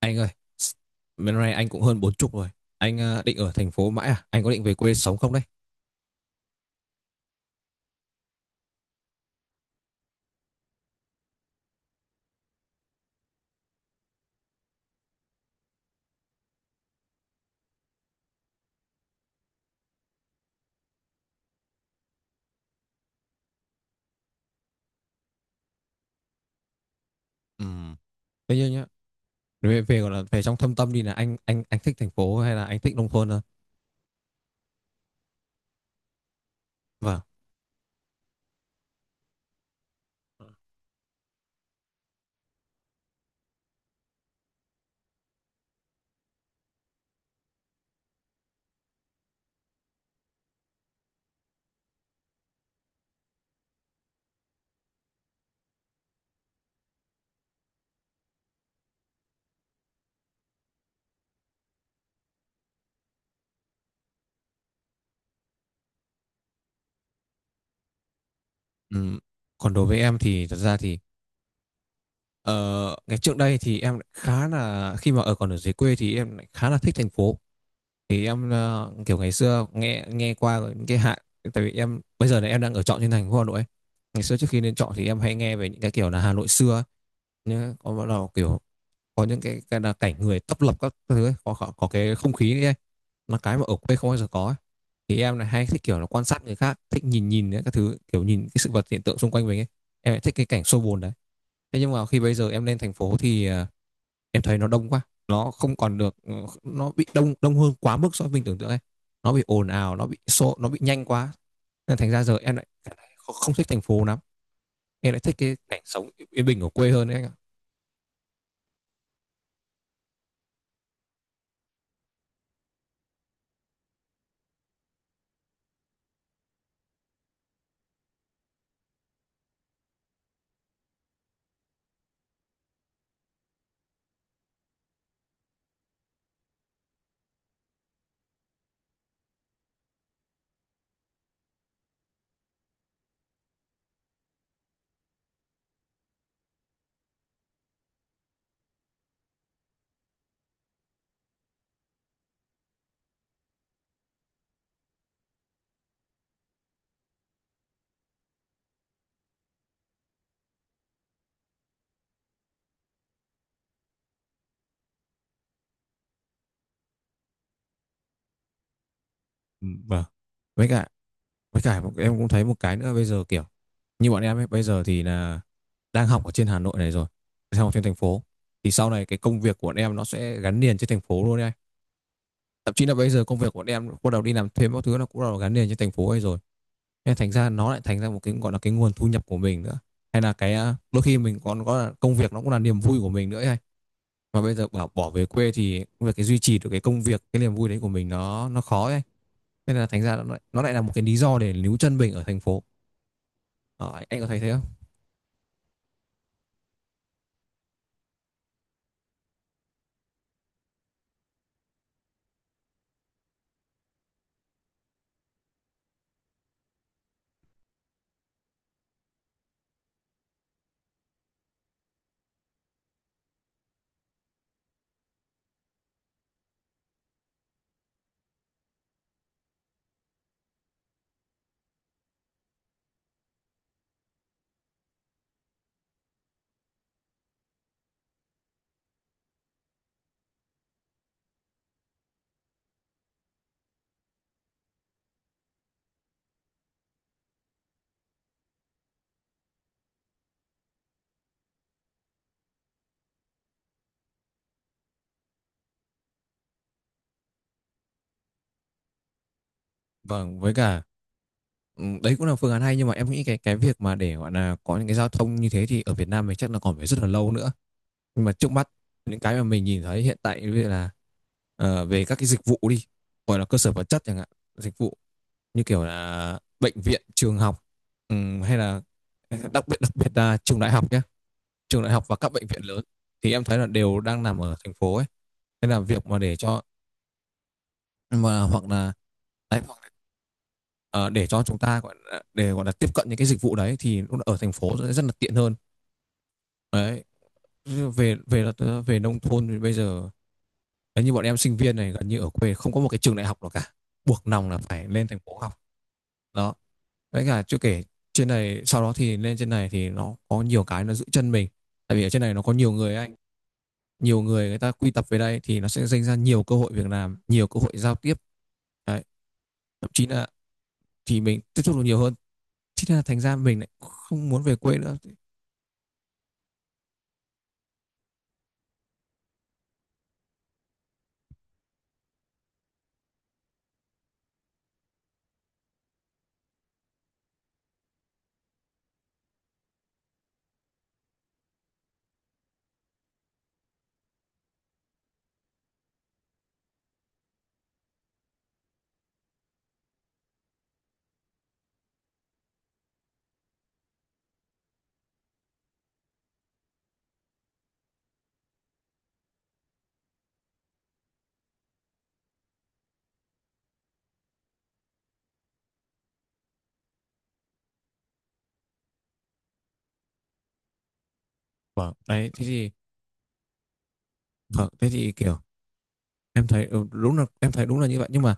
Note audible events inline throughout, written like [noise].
Anh ơi, bên này anh cũng hơn 40 rồi. Anh định ở thành phố mãi à? Anh có định về quê sống không đấy? Ừ. Thế nhưng nhá, về gọi là về trong thâm tâm đi là anh thích thành phố hay là anh thích nông thôn hơn? Vâng. Ừm, Còn đối với em thì thật ra thì ờ, ngày trước đây thì em lại khá là khi mà ở còn ở dưới quê thì em lại khá là thích thành phố. Thì em kiểu ngày xưa nghe nghe qua những cái hạn, tại vì em bây giờ này em đang ở trọ trên thành phố Hà Nội ấy. Ngày xưa trước khi lên trọ thì em hay nghe về những cái kiểu là Hà Nội xưa ấy. Nhá, có bắt đầu kiểu có những cái là cảnh người tấp lập các thứ ấy, có cái không khí ấy, nó cái mà ở quê không bao giờ có ấy. Thì em này hay thích kiểu là quan sát người khác, thích nhìn nhìn ấy, các thứ kiểu nhìn cái sự vật hiện tượng xung quanh mình ấy. Em lại thích cái cảnh xô bồn đấy. Thế nhưng mà khi bây giờ em lên thành phố thì em thấy nó đông quá, nó không còn được nó bị đông đông hơn quá mức so với mình tưởng tượng ấy, nó bị ồn ào, nó bị xô, nó bị nhanh quá, nên thành ra giờ em lại không không thích thành phố lắm, em lại thích cái cảnh sống yên bình ở quê hơn đấy anh ạ. Ừ, vâng, với cả, với cả em cũng thấy một cái nữa bây giờ kiểu như bọn em ấy, bây giờ thì là đang học ở trên Hà Nội này rồi, đang học trên thành phố. Thì sau này cái công việc của bọn em nó sẽ gắn liền trên thành phố luôn đấy anh. Thậm chí là bây giờ công việc của bọn em bắt đầu đi làm thêm các thứ nó cũng bắt đầu gắn liền trên thành phố ấy rồi. Nên thành ra nó lại thành ra một cái gọi là cái nguồn thu nhập của mình nữa. Hay là đôi khi mình còn có là công việc nó cũng là niềm vui của mình nữa ấy anh. Mà bây giờ bảo bỏ về quê thì việc cái duy trì được cái công việc, cái niềm vui đấy của mình nó khó ấy. Nên là thành ra nó lại là một cái lý do để níu chân mình ở thành phố. Ờ, anh có thấy thế không? Vâng, với cả, ừ, đấy cũng là phương án hay, nhưng mà em nghĩ cái việc mà để gọi là có những cái giao thông như thế thì ở Việt Nam mình chắc là còn phải rất là lâu nữa. Nhưng mà trước mắt những cái mà mình nhìn thấy hiện tại như là về các cái dịch vụ đi, gọi là cơ sở vật chất chẳng hạn, dịch vụ như kiểu là bệnh viện, trường học, hay là [laughs] đặc biệt là trường đại học nhé, trường đại học và các bệnh viện lớn thì em thấy là đều đang nằm ở thành phố ấy. Nên là việc mà để cho, mà hoặc là, đấy, hoặc là, ờ, để cho chúng ta gọi là, để gọi là tiếp cận những cái dịch vụ đấy thì lúc ở thành phố sẽ rất là tiện hơn. Đấy. Như về về là- ờ, về nông thôn thì bây giờ đấy, như bọn em sinh viên này gần như ở quê không có một cái trường đại học nào cả, buộc lòng là phải lên thành phố học đó. Với cả chưa kể trên này, sau đó thì lên trên này thì nó có nhiều cái nó giữ chân mình, tại vì ở trên này nó có nhiều người anh, nhiều người, người ta quy tập về đây thì nó sẽ dành ra nhiều cơ hội việc làm, nhiều cơ hội giao tiếp đấy, thậm chí là thì mình tiếp xúc được nhiều hơn, thế nên là thành ra mình lại không muốn về quê nữa. Vâng, đấy thế thì, vâng thế thì kiểu em thấy ừ, đúng là em thấy đúng là như vậy, nhưng mà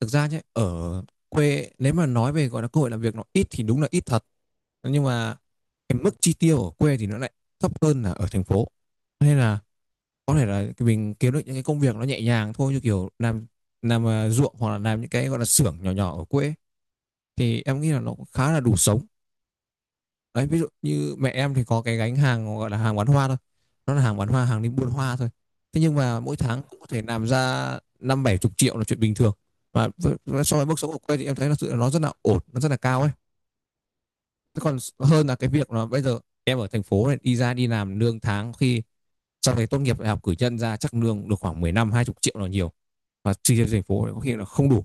thực ra nhé, ở quê ấy, nếu mà nói về gọi là cơ hội làm việc nó ít thì đúng là ít thật, nhưng mà cái mức chi tiêu ở quê thì nó lại thấp hơn là ở thành phố, nên là có thể là mình kiếm được những cái công việc nó nhẹ nhàng thôi, như kiểu làm ruộng hoặc là làm những cái gọi là xưởng nhỏ nhỏ ở quê ấy, thì em nghĩ là nó cũng khá là đủ sống. Đấy, ví dụ như mẹ em thì có cái gánh hàng gọi là hàng bán hoa thôi, nó là hàng bán hoa, hàng đi buôn hoa thôi, thế nhưng mà mỗi tháng cũng có thể làm ra 50-70 triệu là chuyện bình thường. Và so với mức sống ở quê thì em thấy là sự nó rất là ổn, nó rất là cao ấy. Thế còn hơn là cái việc là bây giờ em ở thành phố này đi ra đi làm lương tháng khi sau này tốt nghiệp đại học cử nhân ra chắc lương được khoảng 15 hai 20 triệu là nhiều, và chi tiêu thành phố có khi là không đủ.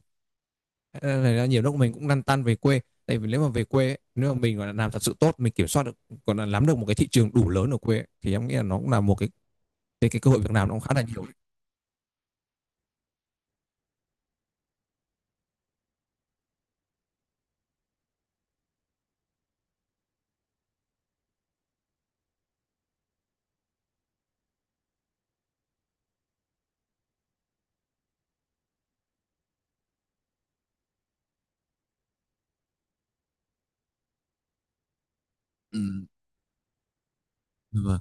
Ờ, là nhiều lúc mình cũng lăn tăn về quê, tại vì nếu mà về quê ấy, nếu mà mình gọi là làm thật sự tốt, mình kiểm soát được, còn là nắm được một cái thị trường đủ lớn ở quê ấy, thì em nghĩ là nó cũng là một cái cơ hội việc làm nó cũng khá là nhiều đấy. Ừ. Dạ vâng.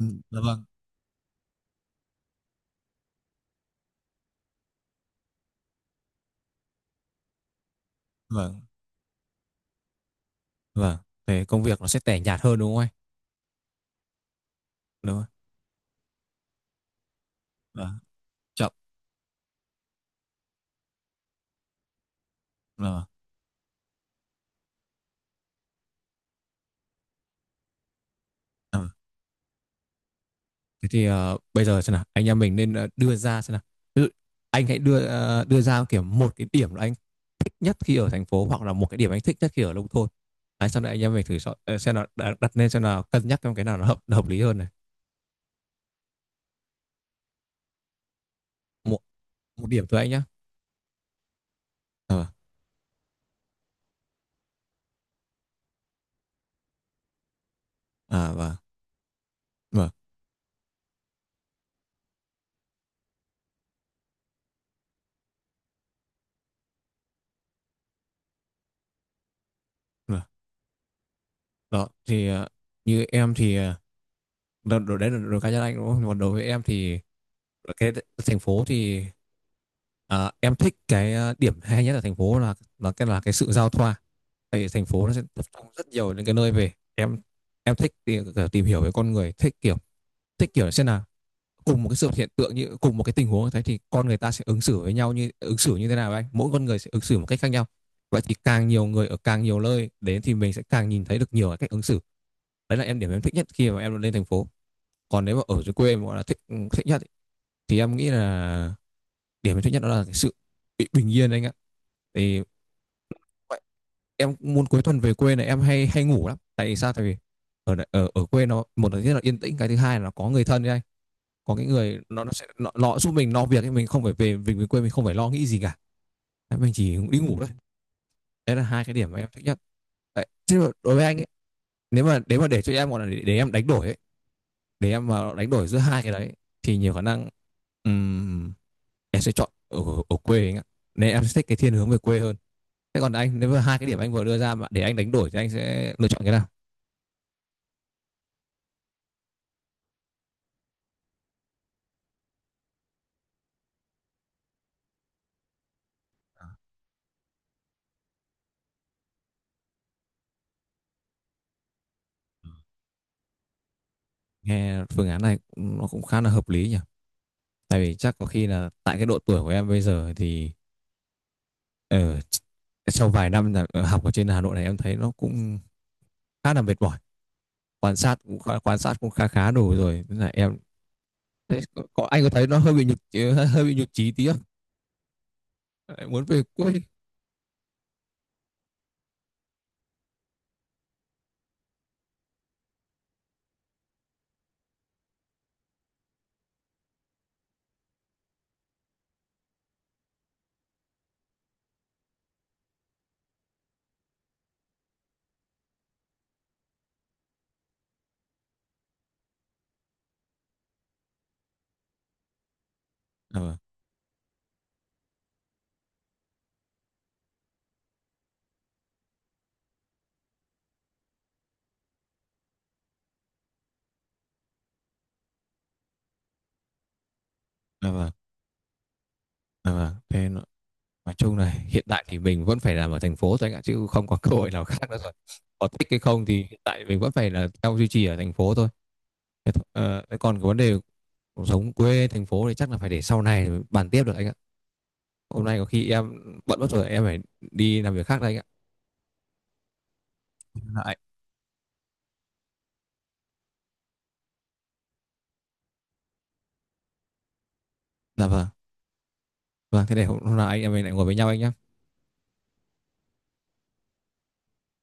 Ừ. Dạ vâng. Vâng. Vâng. Về công việc nó sẽ tẻ nhạt hơn đúng không anh? Đúng không? Vâng. Chậm. Dạ vâng. Dạ vâng. Thế thì bây giờ xem nào, anh em mình nên đưa ra xem nào. Ví dụ, anh hãy đưa đưa ra kiểu một cái điểm là anh thích nhất khi ở thành phố hoặc là một cái điểm anh thích nhất khi ở nông thôn. Đấy, sau này anh em mình thử so, xem là đặt lên xem là cân nhắc trong cái nào nó hợp lý hơn này. Một Một điểm thôi anh nhá. Ờ, à, và vâng, vâng. Đó thì như em thì đó, đấy là đối cá nhân anh đúng không? Còn đối với em thì cái thành phố thì, à, em thích điểm hay nhất ở thành phố là là cái sự giao thoa. Tại vì thành phố nó sẽ tập trung rất nhiều những cái nơi về. Em thích tìm hiểu về con người, thích kiểu, thích kiểu xem là cùng một cái sự hiện tượng, như cùng một cái tình huống như thế thì con người ta sẽ ứng xử với nhau như ứng xử như thế nào anh? Mỗi con người sẽ ứng xử một cách khác nhau. Vậy thì càng nhiều người ở càng nhiều nơi đến thì mình sẽ càng nhìn thấy được nhiều cái cách ứng xử. Đấy là em điểm em thích nhất khi mà em lên thành phố. Còn nếu mà ở dưới quê em gọi là thích, ừ, thích nhất, thì em nghĩ là điểm thứ nhất đó là cái sự bị bình yên anh ạ. Thì vậy, em muốn cuối tuần về quê này em hay hay ngủ lắm, tại vì sao, tại vì ở ở quê nó, một là rất là yên tĩnh, cái thứ hai là có người thân ấy anh, có cái người nó sẽ nó giúp mình lo việc ấy, mình không phải về, mình về quê mình không phải lo nghĩ gì cả. Đấy, mình chỉ đi ngủ thôi. Đấy là hai cái điểm mà em thích nhất đấy. Chứ mà đối với anh ấy, nếu mà để cho em gọi là để em đánh đổi ấy, nếu em mà đánh đổi giữa hai cái đấy, thì nhiều khả năng, ừm, em sẽ chọn ở quê anh ạ, nên em sẽ thích cái thiên hướng về quê hơn. Thế còn anh, nếu mà hai cái điểm anh vừa đưa ra mà để anh đánh đổi thì anh sẽ lựa chọn cái nào? Nghe phương án này nó cũng khá là hợp lý nhỉ, tại vì chắc có khi là tại cái độ tuổi của em bây giờ thì ở sau vài năm là học ở trên Hà Nội này em thấy nó cũng khá là mệt mỏi, quan sát cũng khá khá đủ rồi nên là em thế anh có thấy nó hơi bị nhục, hơi bị nhục chí tí không? Lại muốn về quê. Ờ. Dạ vâng, dạ vâng. Nói chung là hiện tại thì mình vẫn phải làm ở thành phố thôi anh ạ, chứ không có cơ hội nào khác nữa rồi. Có thích hay không thì hiện tại mình vẫn phải là theo duy trì ở thành phố thôi. Thế, thế còn cái vấn đề cuộc sống quê thành phố thì chắc là phải để sau này bàn tiếp được anh ạ. Hôm nay có khi em bận mất rồi, em phải đi làm việc khác đây anh ạ. Dạ, ạ. Dạ vâng. Vâng, thế để hôm hôm nào anh em mình lại ngồi với nhau anh nhé.